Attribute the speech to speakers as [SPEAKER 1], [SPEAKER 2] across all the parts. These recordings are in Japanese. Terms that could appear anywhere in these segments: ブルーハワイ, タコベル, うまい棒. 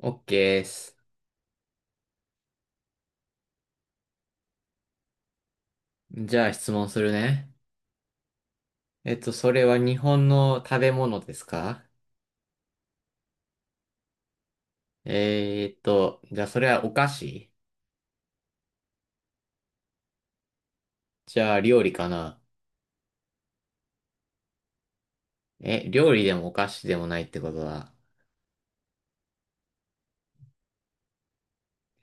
[SPEAKER 1] OK です。じゃあ質問するね。それは日本の食べ物ですか？じゃあそれはお菓子？じゃあ料理かな？え、料理でもお菓子でもないってことは。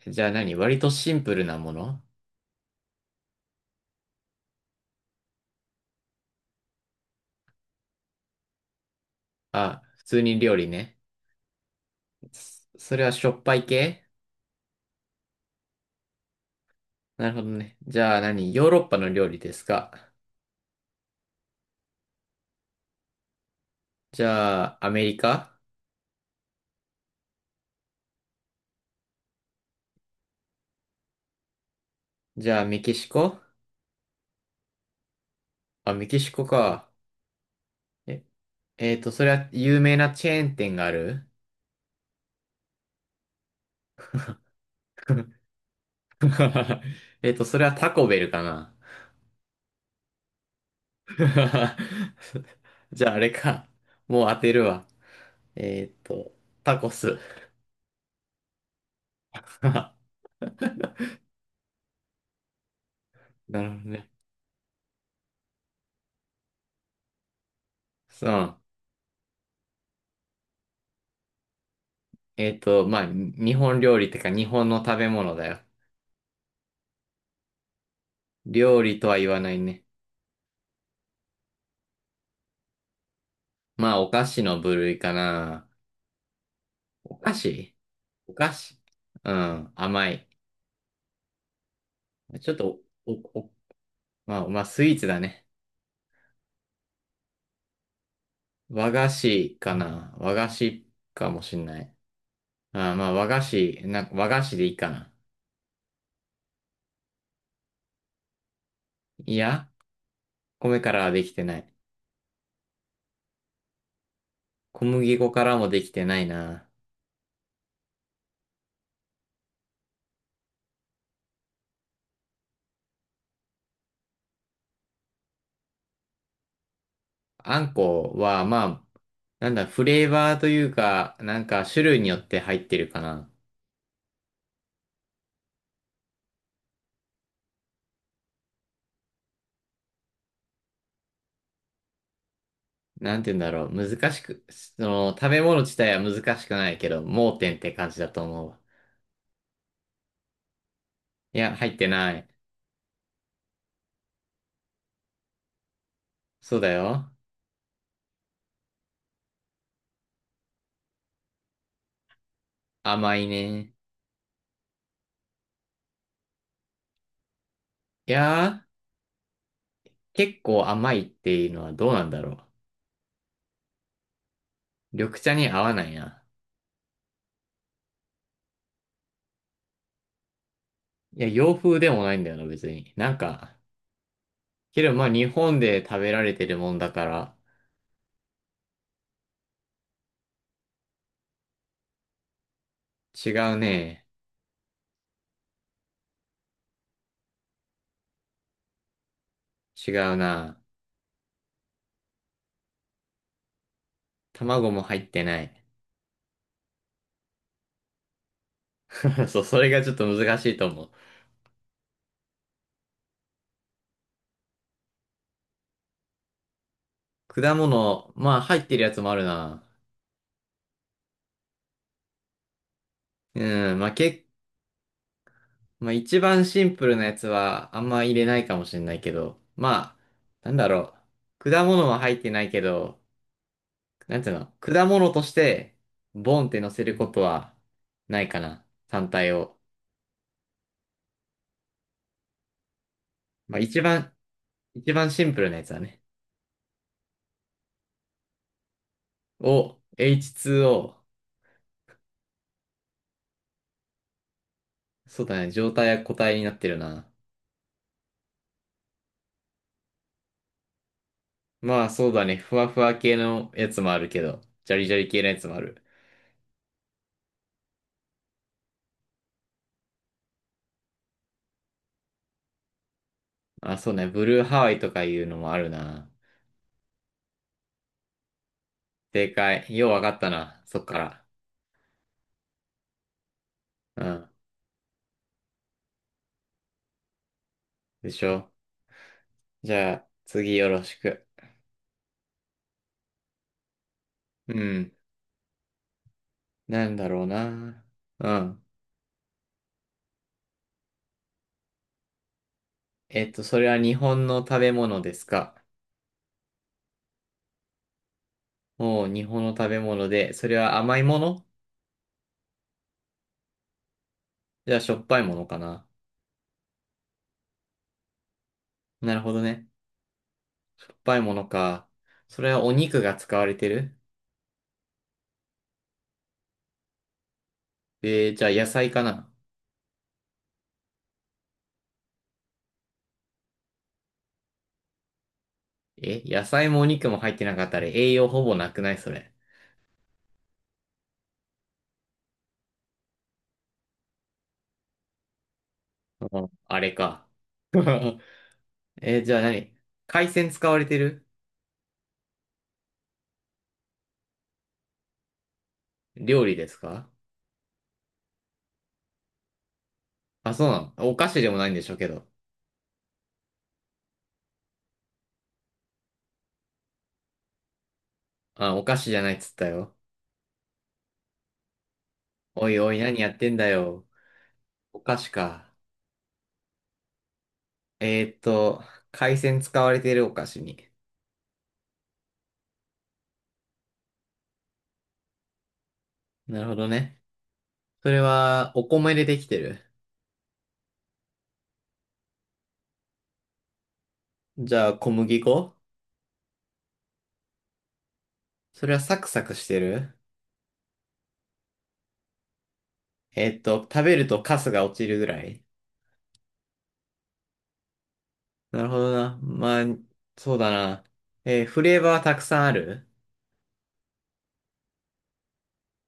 [SPEAKER 1] じゃあ何割とシンプルなもの？あ、普通に料理ね。それはしょっぱい系？なるほどね。じゃあ何ヨーロッパの料理ですか？じゃあアメリカ？じゃあメキシコ？あ、メキシコか。え、えーっと、それは有名なチェーン店がある？ それはタコベルかな。じゃあ、あれか。もう当てるわ。えっと、タコス。なるほどね。そう。まあ、日本料理ってか、日本の食べ物だよ。料理とは言わないね。まあ、お菓子の部類かな。お菓子お菓子うん、甘い。ちょっと、お、お、おまあ、スイーツだね。和菓子かな。和菓子かもしんない。まあ、和菓子、なんか和菓子でいいかな。いや、米からはできてない。小麦粉からもできてないな。あんこは、まあ、なんだ、フレーバーというか、なんか種類によって入ってるかな。なんて言うんだろう。難しく、その、食べ物自体は難しくないけど、盲点って感じだと思うわ。いや、入ってない。そうだよ。甘いね。いやー、結構甘いっていうのはどうなんだろう。緑茶に合わないな。いや、洋風でもないんだよな、別に。なんか、けど、まあ、日本で食べられてるもんだから、違うね。違うな。卵も入ってない。そう、それがちょっと難しいと思う。果物、まあ、入ってるやつもあるな。うん、まあ、まあ、一番シンプルなやつは、あんま入れないかもしれないけど、まあ、なんだろう。果物は入ってないけど、なんていうの、果物として、ボンって乗せることは、ないかな。単体を。まあ、一番シンプルなやつだね。を H2O。そうだね。状態や固体になってるな。まあそうだね。ふわふわ系のやつもあるけど、ジャリジャリ系のやつもある。まあ、そうね。ブルーハワイとかいうのもあるな。正解。ようわかったな。そっから。うん。でしょ。じゃあ、次よろしく。うん。なんだろうな。うん。それは日本の食べ物ですか？おう、日本の食べ物で、それは甘いもの？じゃあしょっぱいものかな。なるほどね。しょっぱいものか。それはお肉が使われてる？じゃあ野菜かな？え、野菜もお肉も入ってなかったら栄養ほぼなくないそれ。うんあれか。じゃあ何海鮮使われてる料理ですか？あ、そうなの。お菓子でもないんでしょうけど。あ、お菓子じゃないっつったよ。おいおい、何やってんだよ。お菓子か。えーっと、海鮮使われてるお菓子に。なるほどね。それは、お米でできてる。じゃあ、小麦粉？それはサクサクしてる？食べるとカスが落ちるぐらい？なるほどな。まあ、そうだな。フレーバーはたくさんある？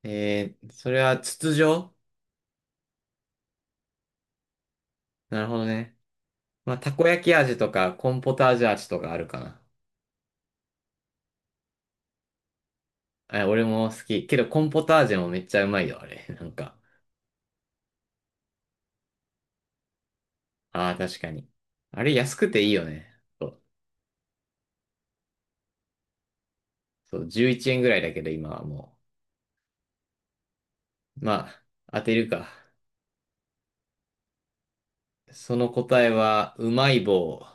[SPEAKER 1] それは筒状？なるほどね。まあ、たこ焼き味とか、コーンポタージュ味とかあるかな。え、俺も好き。けど、コーンポタージュもめっちゃうまいよ、あれ。なんか。ああ、確かに。あれ、安くていいよね。そう、そう11円ぐらいだけど、今はもう。まあ、当てるか。その答えは、うまい棒。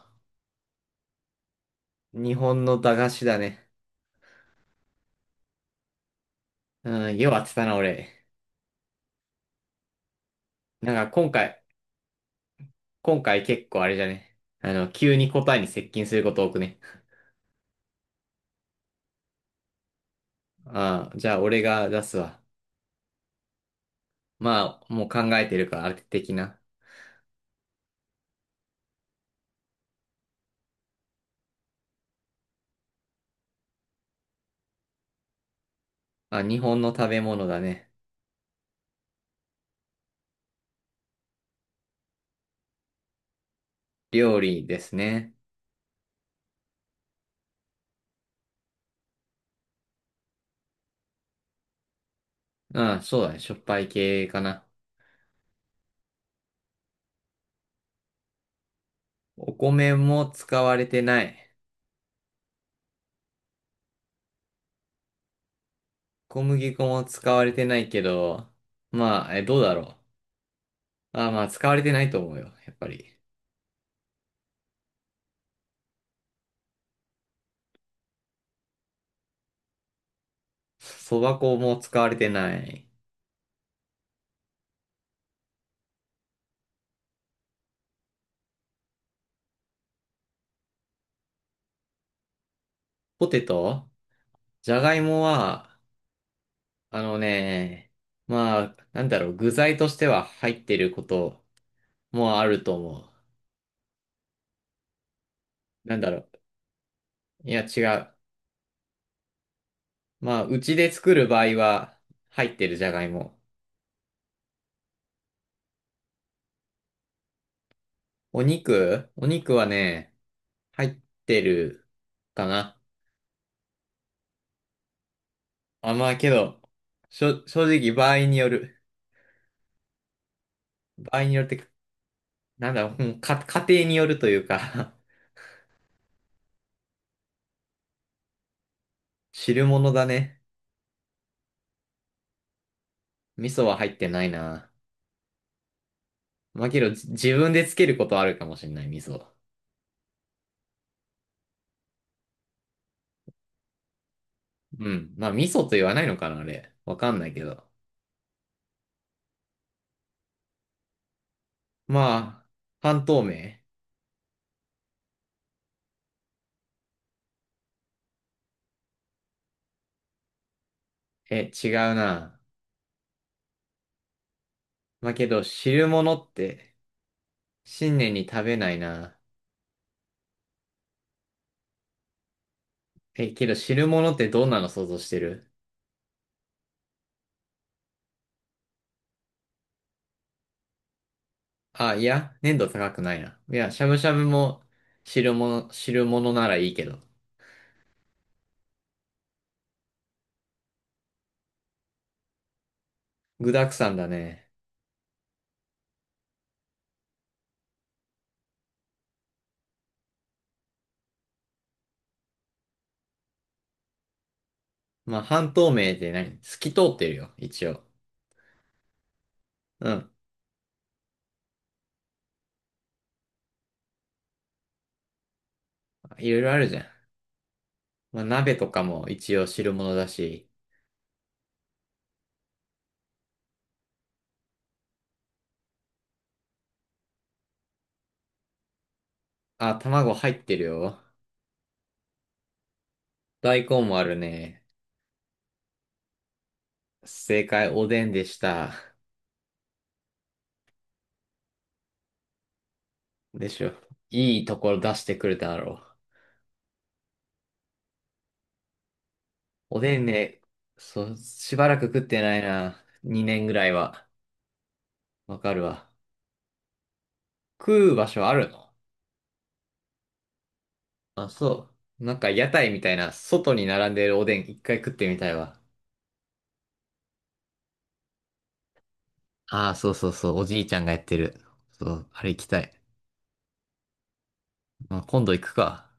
[SPEAKER 1] 日本の駄菓子だね。うん、よう当てたな、俺。なんか今回結構あれじゃね。急に答えに接近すること多くね。ああ、じゃあ俺が出すわ。まあ、もう考えてるから、あれ的な。あ、日本の食べ物だね。料理ですね。うん、そうだね。しょっぱい系かな。お米も使われてない。小麦粉も使われてないけど、まあ、どうだろう。あ、まあ、使われてないと思うよ。やっぱり。そば粉も使われてない。ポテト？じゃがいもは、あのね、まあ、なんだろう、具材としては入ってることもあると思う。なんだろう、いや違う。まあ、うちで作る場合は入ってるじゃがいも。お肉はね、入ってるかな。あ、まあけど、正直場合による。場合によるってか、なんだろう、うんか、家庭によるというか 汁物だね。味噌は入ってないな。まあけど、自分でつけることはあるかもしれない、味噌。うん。まあ、味噌と言わないのかな、あれ。わかんないけど。まあ、半透明。え、違うな。まあけど、汁物って、新年に食べないな。え、けど、汁物ってどんなの想像してる？あ、いや、粘度高くないな。いや、しゃぶしゃぶも汁物ならいいけど。具沢山だね。まあ、半透明って何透き通ってるよ、一応。うん。いろいろあるじゃん。まあ、鍋とかも一応汁物だし。あ、卵入ってるよ。大根もあるね。正解、おでんでした。でしょ。いいところ出してくれただろう。おでんね、そう、しばらく食ってないな。2年ぐらいは。わかるわ。食う場所あるの？あ、そう。なんか屋台みたいな、外に並んでるおでん一回食ってみたいわ。ああ、そうそうそう、おじいちゃんがやってる。そう、あれ行きたい。まあ、今度行くか。